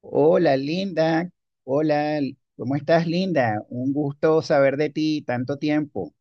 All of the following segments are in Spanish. Hola, Linda. Hola, ¿cómo estás, Linda? Un gusto saber de ti tanto tiempo.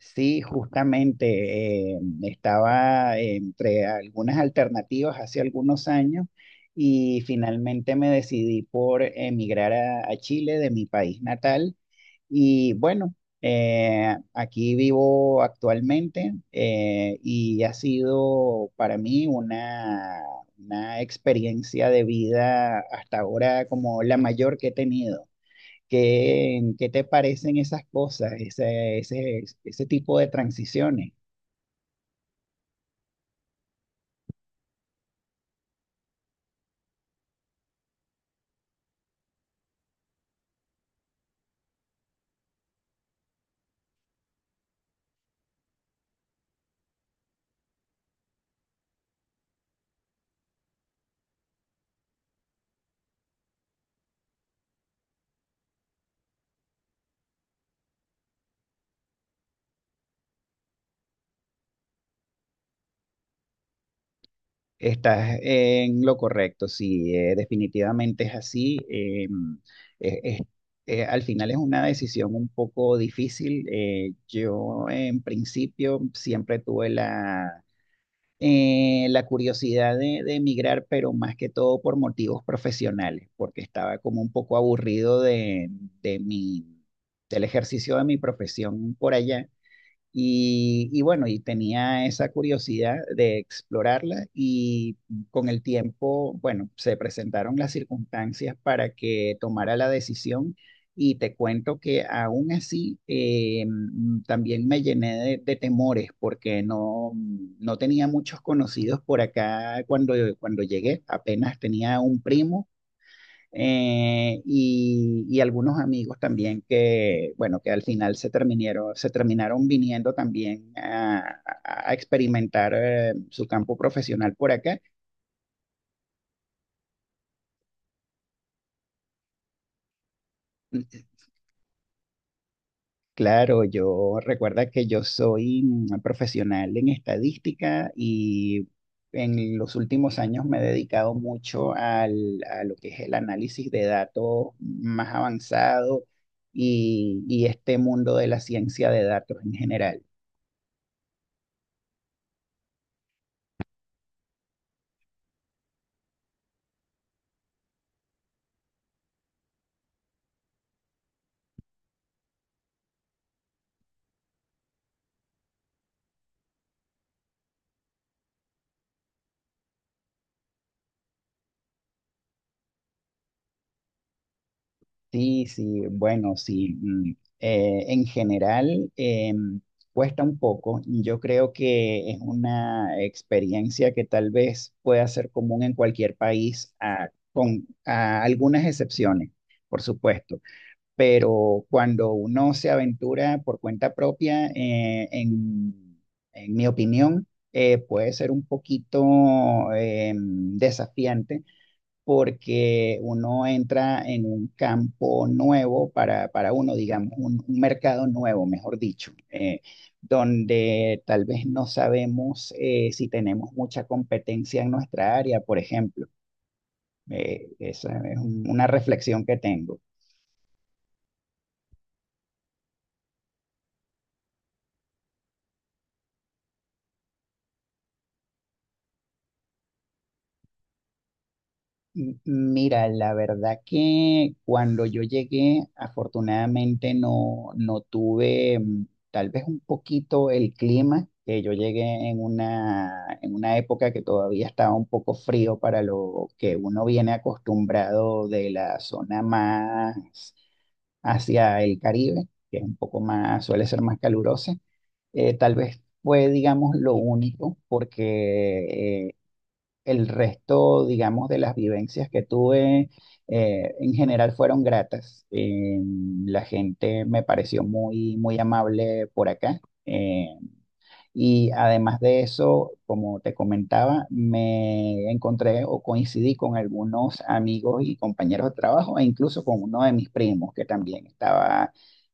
Sí, justamente estaba entre algunas alternativas hace algunos años y finalmente me decidí por emigrar a Chile de mi país natal. Y bueno, aquí vivo actualmente, y ha sido para mí una experiencia de vida hasta ahora como la mayor que he tenido. ¿Qué te parecen esas cosas, ese tipo de transiciones? Estás en lo correcto, sí, definitivamente es así. Es- es- Al final es una decisión un poco difícil. Yo en principio siempre tuve la curiosidad de emigrar, pero más que todo por motivos profesionales, porque estaba como un poco aburrido de del ejercicio de mi profesión por allá. Y bueno, y tenía esa curiosidad de explorarla y con el tiempo, bueno, se presentaron las circunstancias para que tomara la decisión y te cuento que aún así también me llené de temores porque no tenía muchos conocidos por acá cuando llegué, apenas tenía un primo, y algunos amigos también que, bueno, que al final se terminaron viniendo también a experimentar su campo profesional por acá. Claro, yo recuerda que yo soy mm, profesional en estadística y en los últimos años me he dedicado mucho a lo que es el análisis de datos más avanzado y este mundo de la ciencia de datos en general. Sí, sí, bueno, sí. En general, cuesta un poco. Yo creo que es una experiencia que tal vez pueda ser común en cualquier país, a- con a algunas excepciones, por supuesto. Pero cuando uno se aventura por cuenta propia, en mi opinión, puede ser un poquito desafiante porque uno entra en un campo nuevo para uno, digamos, un mercado nuevo, mejor dicho, donde tal vez no sabemos si tenemos mucha competencia en nuestra área, por ejemplo. Esa es una reflexión que tengo. Mira, la verdad que cuando yo llegué, afortunadamente no tuve mm, tal vez un poquito el clima, que yo llegué en una época que todavía estaba un poco frío para lo que uno viene acostumbrado de la zona más hacia el Caribe, que es un poco más, suele ser más calurosa. Tal vez fue, digamos, lo único, porque el resto, digamos, de las vivencias que tuve, en general fueron gratas. La gente me pareció muy, muy amable por acá. Y además de eso, como te comentaba, me encontré o coincidí con algunos amigos y compañeros de trabajo e incluso con uno de mis primos que también estaba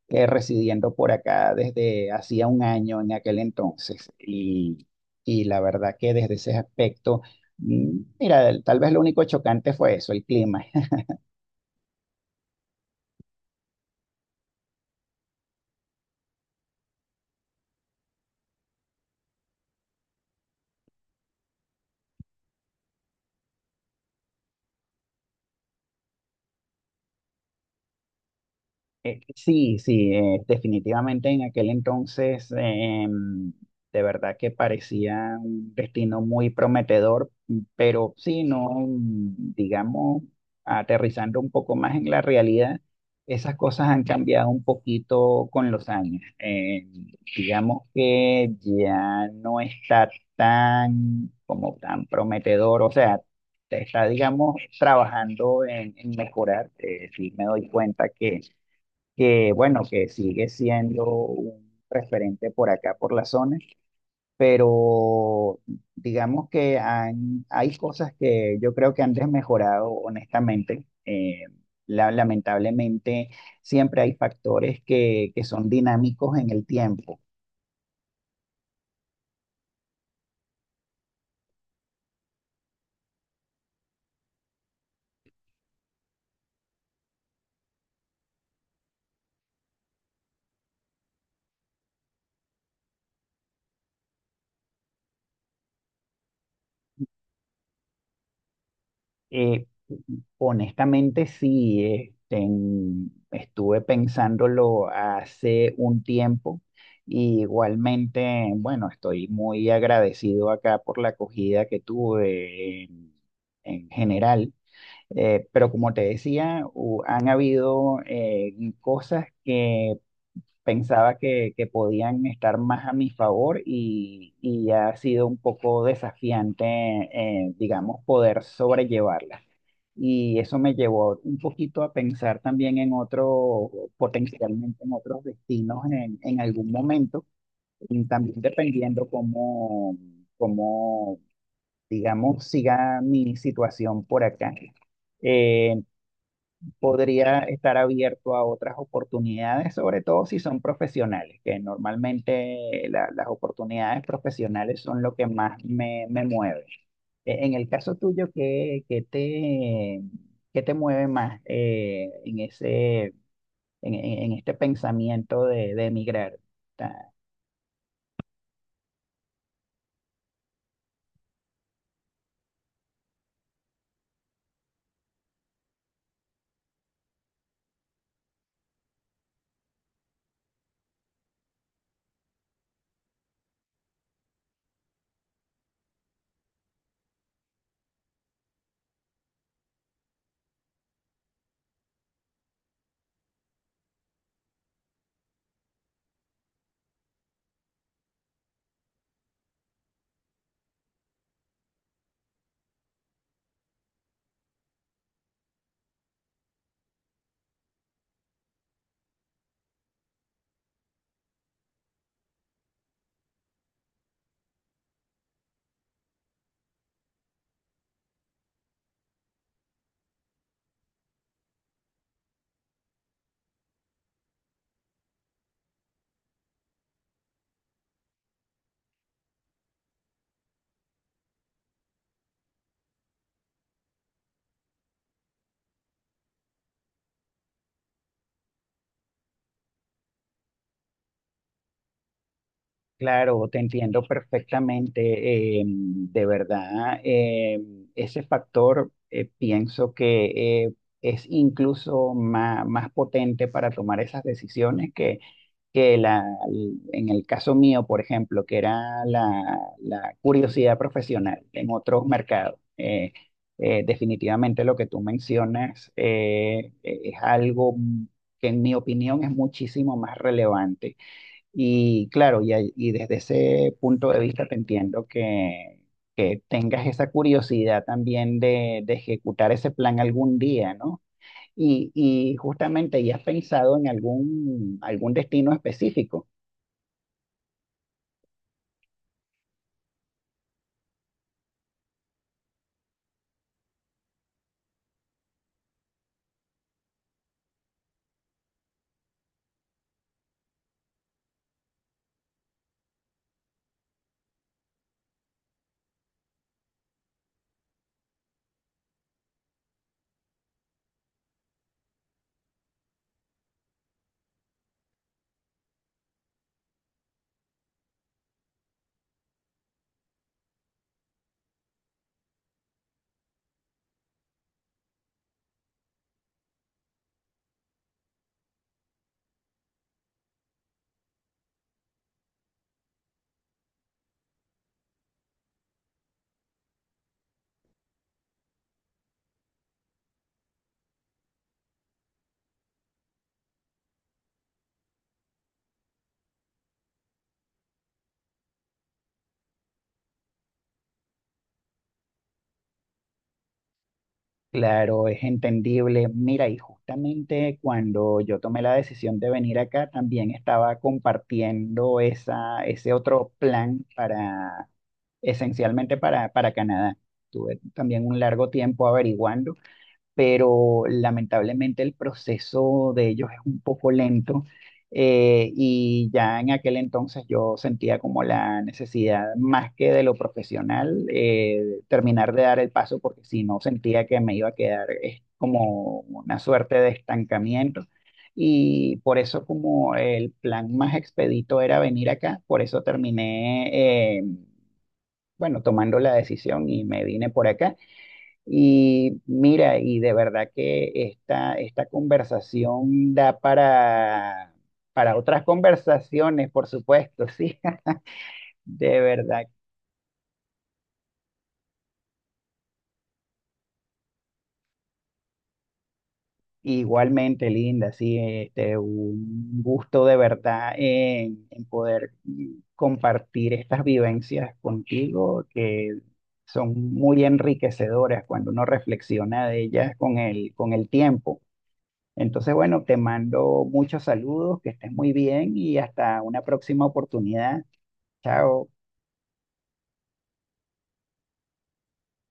residiendo por acá desde hacía un año en aquel entonces. Y la verdad que desde ese aspecto, mm, mira, tal vez lo único chocante fue eso, el clima. Sí, sí, definitivamente en aquel entonces, em, de verdad que parecía un destino muy prometedor, pero sí, no, mm, digamos, aterrizando un poco más en la realidad, esas cosas han cambiado un poquito con los años. Digamos que ya no está tan, como tan prometedor, o sea, te está, digamos, trabajando en mejorar. Sí, me doy cuenta que bueno, que sigue siendo un referente por acá, por la zona, pero digamos que hay cosas que yo creo que han desmejorado, honestamente. Lamentablemente, siempre hay factores que son dinámicos en el tiempo. Eh, Honestamente, sí, este, estuve pensándolo hace un tiempo y igualmente, bueno, estoy muy agradecido acá por la acogida que tuve en general. Pero como te decía, han habido cosas que pensaba que podían estar más a mi favor y ha sido un poco desafiante, digamos, poder sobrellevarla. Y eso me llevó un poquito a pensar también en otro, potencialmente en otros destinos en algún momento, y también dependiendo cómo, digamos, siga mi situación por acá. Eh, podría estar abierto a otras oportunidades, sobre todo si son profesionales, que normalmente las oportunidades profesionales son lo que más me mueve. En el caso tuyo, qué te mueve más en en este pensamiento de emigrar? Claro, te entiendo perfectamente. De verdad, ese factor pienso que es incluso más potente para tomar esas decisiones que la, en el caso mío, por ejemplo, que era la curiosidad profesional en otros mercados. Definitivamente lo que tú mencionas es algo que en mi opinión es muchísimo más relevante y claro, y desde ese punto de vista te entiendo que tengas esa curiosidad también de ejecutar ese plan algún día, ¿no? Y justamente, ¿y has pensado en algún destino específico? Claro, es entendible. Mira, y justamente cuando yo tomé la decisión de venir acá, también estaba compartiendo ese otro plan para, esencialmente para Canadá. Tuve también un largo tiempo averiguando. Pero lamentablemente el proceso de ellos es un poco lento, y ya en aquel entonces yo sentía como la necesidad, más que de lo profesional, terminar de dar el paso porque si no sentía que me iba a quedar es como una suerte de estancamiento. Y por eso como el plan más expedito era venir acá, por eso terminé, bueno, tomando la decisión y me vine por acá. Y mira, y de verdad que esta conversación da para otras conversaciones, por supuesto, sí, de verdad. Igualmente, Linda, sí, este, un gusto de verdad en poder mm, compartir estas vivencias contigo, que son muy enriquecedoras cuando uno reflexiona de ellas con con el tiempo. Entonces, bueno, te mando muchos saludos, que estés muy bien y hasta una próxima oportunidad. Chao.